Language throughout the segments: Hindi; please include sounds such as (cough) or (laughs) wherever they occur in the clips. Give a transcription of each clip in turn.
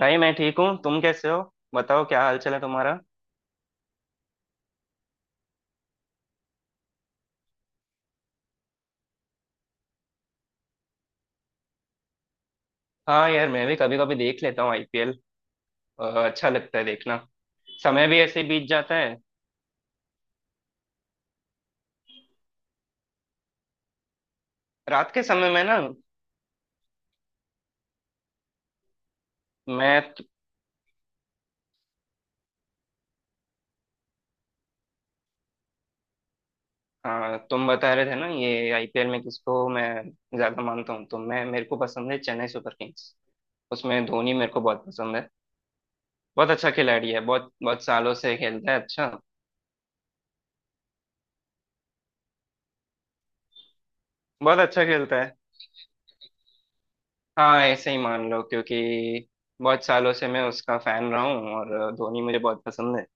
भाई, मैं ठीक हूँ। तुम कैसे हो? बताओ, क्या हाल चाल है तुम्हारा। हाँ यार, मैं भी कभी कभी देख लेता हूँ IPL। अच्छा लगता है देखना। समय भी ऐसे बीत जाता है। रात के समय में ना। मैं तुम बता रहे थे ना ये IPL में किसको मैं ज्यादा मानता हूँ, तो मैं मेरे को पसंद है चेन्नई सुपर किंग्स। उसमें धोनी मेरे को बहुत पसंद है। बहुत अच्छा खिलाड़ी है, बहुत बहुत सालों से खेलता है। अच्छा। बहुत अच्छा खेलता है। हाँ ऐसे ही मान लो, क्योंकि बहुत सालों से मैं उसका फैन रहा हूँ और धोनी मुझे बहुत पसंद है।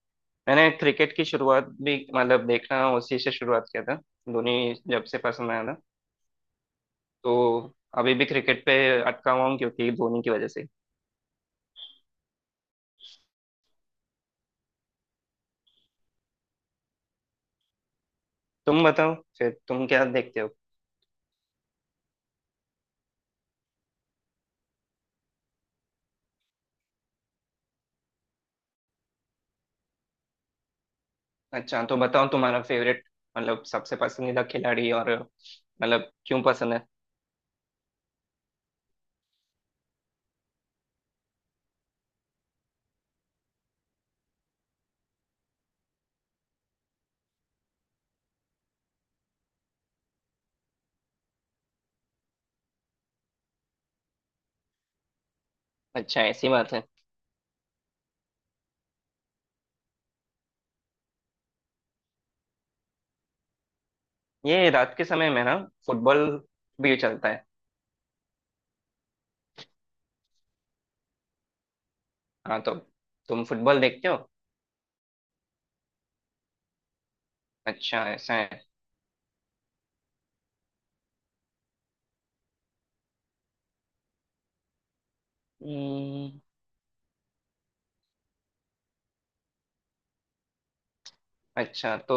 मैंने क्रिकेट की शुरुआत भी मतलब देखना उसी से शुरुआत किया था। धोनी जब से पसंद आया था तो अभी भी क्रिकेट पे अटका हुआ हूँ क्योंकि धोनी की वजह से। तुम बताओ फिर तुम क्या देखते हो। अच्छा तो बताओ तुम्हारा फेवरेट मतलब सबसे पसंदीदा खिलाड़ी, और मतलब क्यों पसंद है। अच्छा ऐसी बात है। ये रात के समय में ना फुटबॉल भी चलता है। हाँ तो तुम फुटबॉल देखते हो? अच्छा ऐसा है। हम्म, अच्छा तो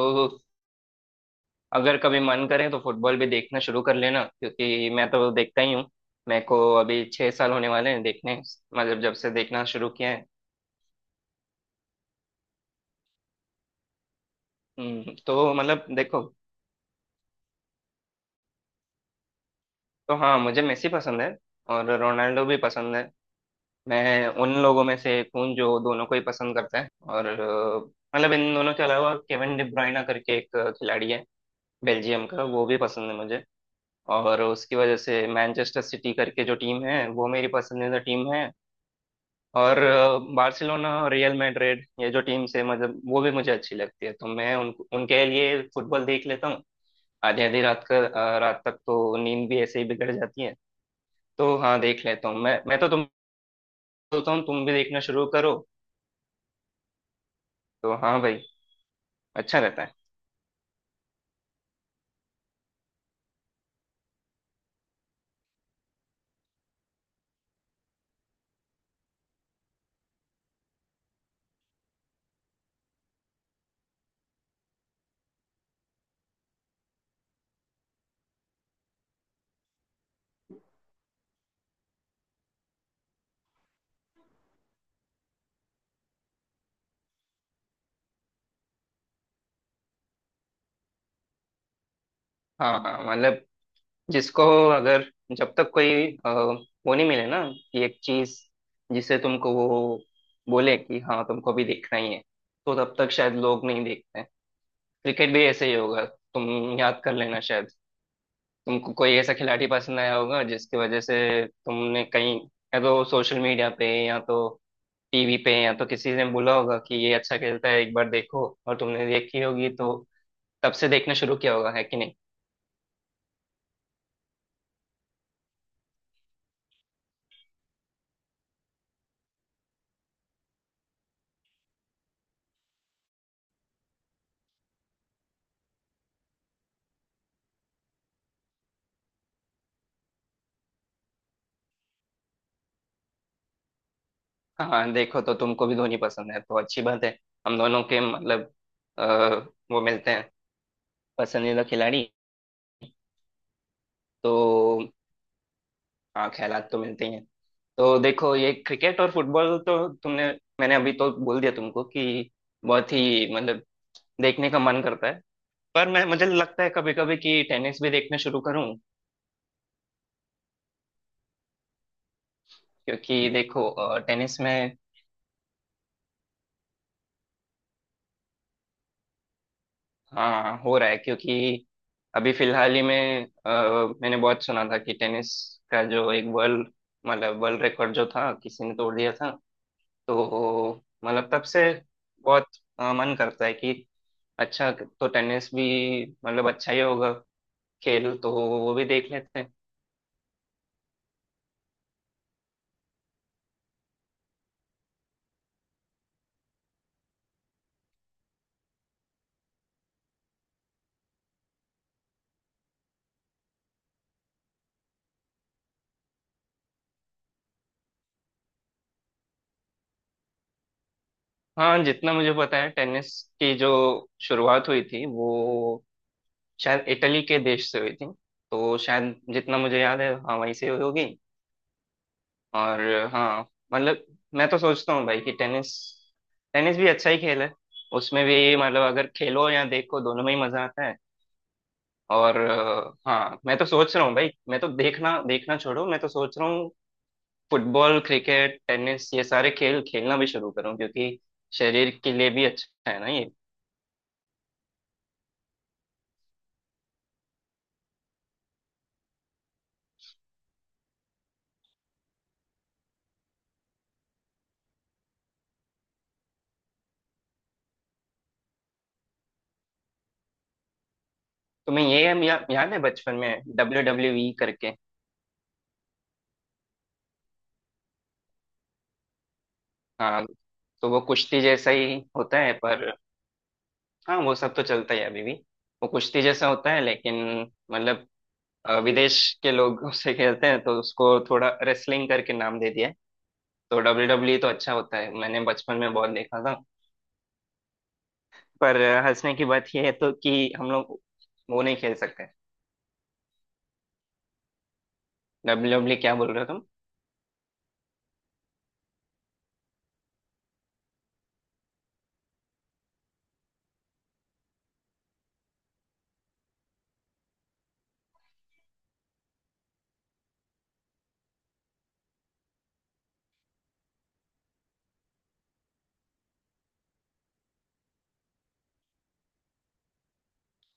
अगर कभी मन करे तो फुटबॉल भी देखना शुरू कर लेना, क्योंकि मैं तो देखता ही हूँ। मेरे को अभी 6 साल होने वाले हैं देखने। मतलब जब से देखना शुरू किया है। तो मतलब देखो। तो हाँ मुझे मेसी पसंद है और रोनाल्डो भी पसंद है। मैं उन लोगों में से एक हूँ जो दोनों को ही पसंद करता है, और मतलब इन दोनों के अलावा केविन डी ब्रुयना करके एक खिलाड़ी है, बेल्जियम का, वो भी पसंद है मुझे। और उसकी वजह से मैनचेस्टर सिटी करके जो टीम है वो मेरी पसंदीदा टीम है। और बार्सिलोना, रियल मैड्रिड, ये जो टीम्स है मतलब वो भी मुझे अच्छी लगती है, तो मैं उनके लिए फुटबॉल देख लेता हूँ। आधी आधी रात रात तक तो नींद भी ऐसे ही बिगड़ जाती है। तो हाँ देख लेता हूँ मैं। मैं तो तुम बोलता हूँ, तुम भी देखना शुरू करो। तो हाँ भाई, अच्छा रहता है। हाँ हाँ मतलब जिसको, अगर, जब तक कोई वो नहीं मिले ना कि एक चीज जिसे तुमको वो बोले कि हाँ तुमको भी देखना ही है, तो तब तक शायद लोग नहीं देखते हैं। क्रिकेट भी ऐसे ही होगा। तुम याद कर लेना शायद। तुमको कोई ऐसा खिलाड़ी पसंद आया होगा जिसकी वजह से तुमने कहीं, या तो सोशल मीडिया पे, या तो TV पे, या तो किसी ने बोला होगा कि ये अच्छा खेलता है एक बार देखो, और तुमने देखी होगी, तो तब से देखना शुरू किया होगा, है कि नहीं। हाँ देखो तो तुमको भी धोनी पसंद है, तो अच्छी बात है। हम दोनों के मतलब अ, वो मिलते हैं पसंदीदा खिलाड़ी। तो हाँ ख्यालात तो मिलते ही हैं। तो देखो ये क्रिकेट और फुटबॉल तो तुमने मैंने अभी तो बोल दिया तुमको कि बहुत ही मतलब देखने का मन करता है। पर मैं मुझे लगता है कभी कभी कि टेनिस भी देखना शुरू करूं। क्योंकि देखो टेनिस में, हाँ, हो रहा है क्योंकि अभी फिलहाल ही में मैंने बहुत सुना था कि टेनिस का जो एक वर्ल्ड मतलब वर्ल्ड रिकॉर्ड जो था किसी ने तोड़ दिया था। तो मतलब तब से बहुत मन करता है कि अच्छा तो टेनिस भी मतलब अच्छा ही होगा, खेल तो वो भी देख लेते हैं। हाँ जितना मुझे पता है टेनिस की जो शुरुआत हुई थी वो शायद इटली के देश से हुई थी। तो शायद जितना मुझे याद है, हाँ वहीं से हुई होगी। और हाँ मतलब मैं तो सोचता हूँ भाई कि टेनिस, टेनिस भी अच्छा ही खेल है। उसमें भी मतलब अगर खेलो या देखो, दोनों में ही मजा आता है। और हाँ मैं तो सोच रहा हूँ भाई, मैं तो देखना देखना छोड़ो, मैं तो सोच रहा हूँ फुटबॉल, क्रिकेट, टेनिस ये सारे खेल खेलना भी शुरू करूँ, क्योंकि शरीर के लिए भी अच्छा है ना ये। तुम्हें ये याद है बचपन में WWE करके? हाँ तो वो कुश्ती जैसा ही होता है, पर हाँ वो सब तो चलता है अभी भी। वो कुश्ती जैसा होता है, लेकिन मतलब विदेश के लोग (laughs) उसे खेलते हैं, तो उसको थोड़ा रेसलिंग करके नाम दे दिया है। तो WWE तो अच्छा होता है, मैंने बचपन में बहुत देखा था। पर हंसने की बात यह है तो कि हम लोग वो नहीं खेल सकते। WW क्या बोल रहे हो तुम?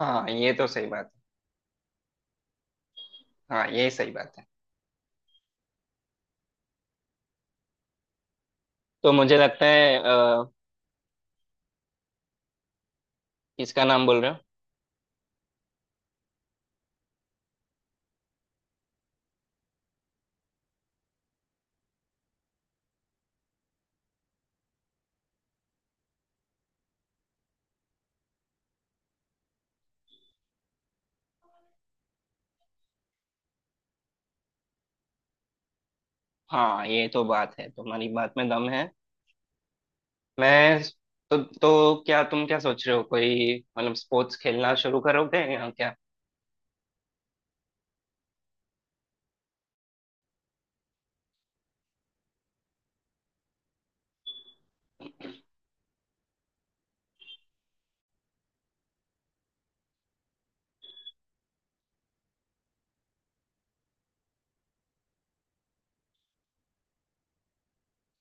हाँ ये तो सही बात है। हाँ ये सही बात है। तो मुझे लगता है किसका नाम बोल रहे हो? हाँ ये तो बात है, तुम्हारी बात में दम है। मैं तो क्या तुम क्या सोच रहे हो, कोई मतलब स्पोर्ट्स खेलना शुरू करोगे या क्या?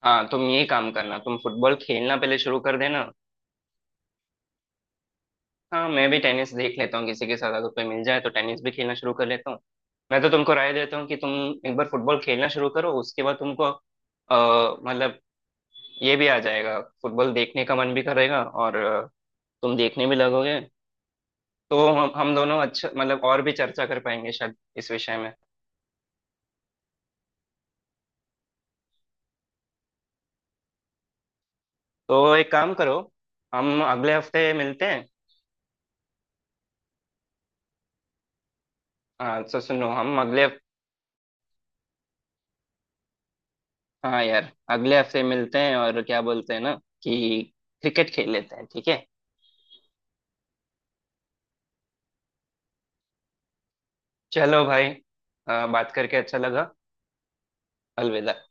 हाँ तुम ये काम करना, तुम फुटबॉल खेलना पहले शुरू कर देना। हाँ मैं भी टेनिस देख लेता हूँ, किसी के साथ अगर कोई मिल जाए तो टेनिस भी खेलना शुरू कर लेता हूँ। मैं तो तुमको राय देता हूँ कि तुम एक बार फुटबॉल खेलना शुरू करो, उसके बाद तुमको मतलब ये भी आ जाएगा, फुटबॉल देखने का मन भी करेगा, और तुम देखने भी लगोगे। तो हम दोनों अच्छा मतलब और भी चर्चा कर पाएंगे शायद इस विषय में। तो एक काम करो, हम अगले हफ्ते मिलते हैं। हाँ तो सुनो, हम अगले हाँ यार अगले हफ्ते मिलते हैं और क्या बोलते हैं ना कि क्रिकेट खेल लेते हैं, ठीक है। चलो भाई, बात करके अच्छा लगा। अलविदा।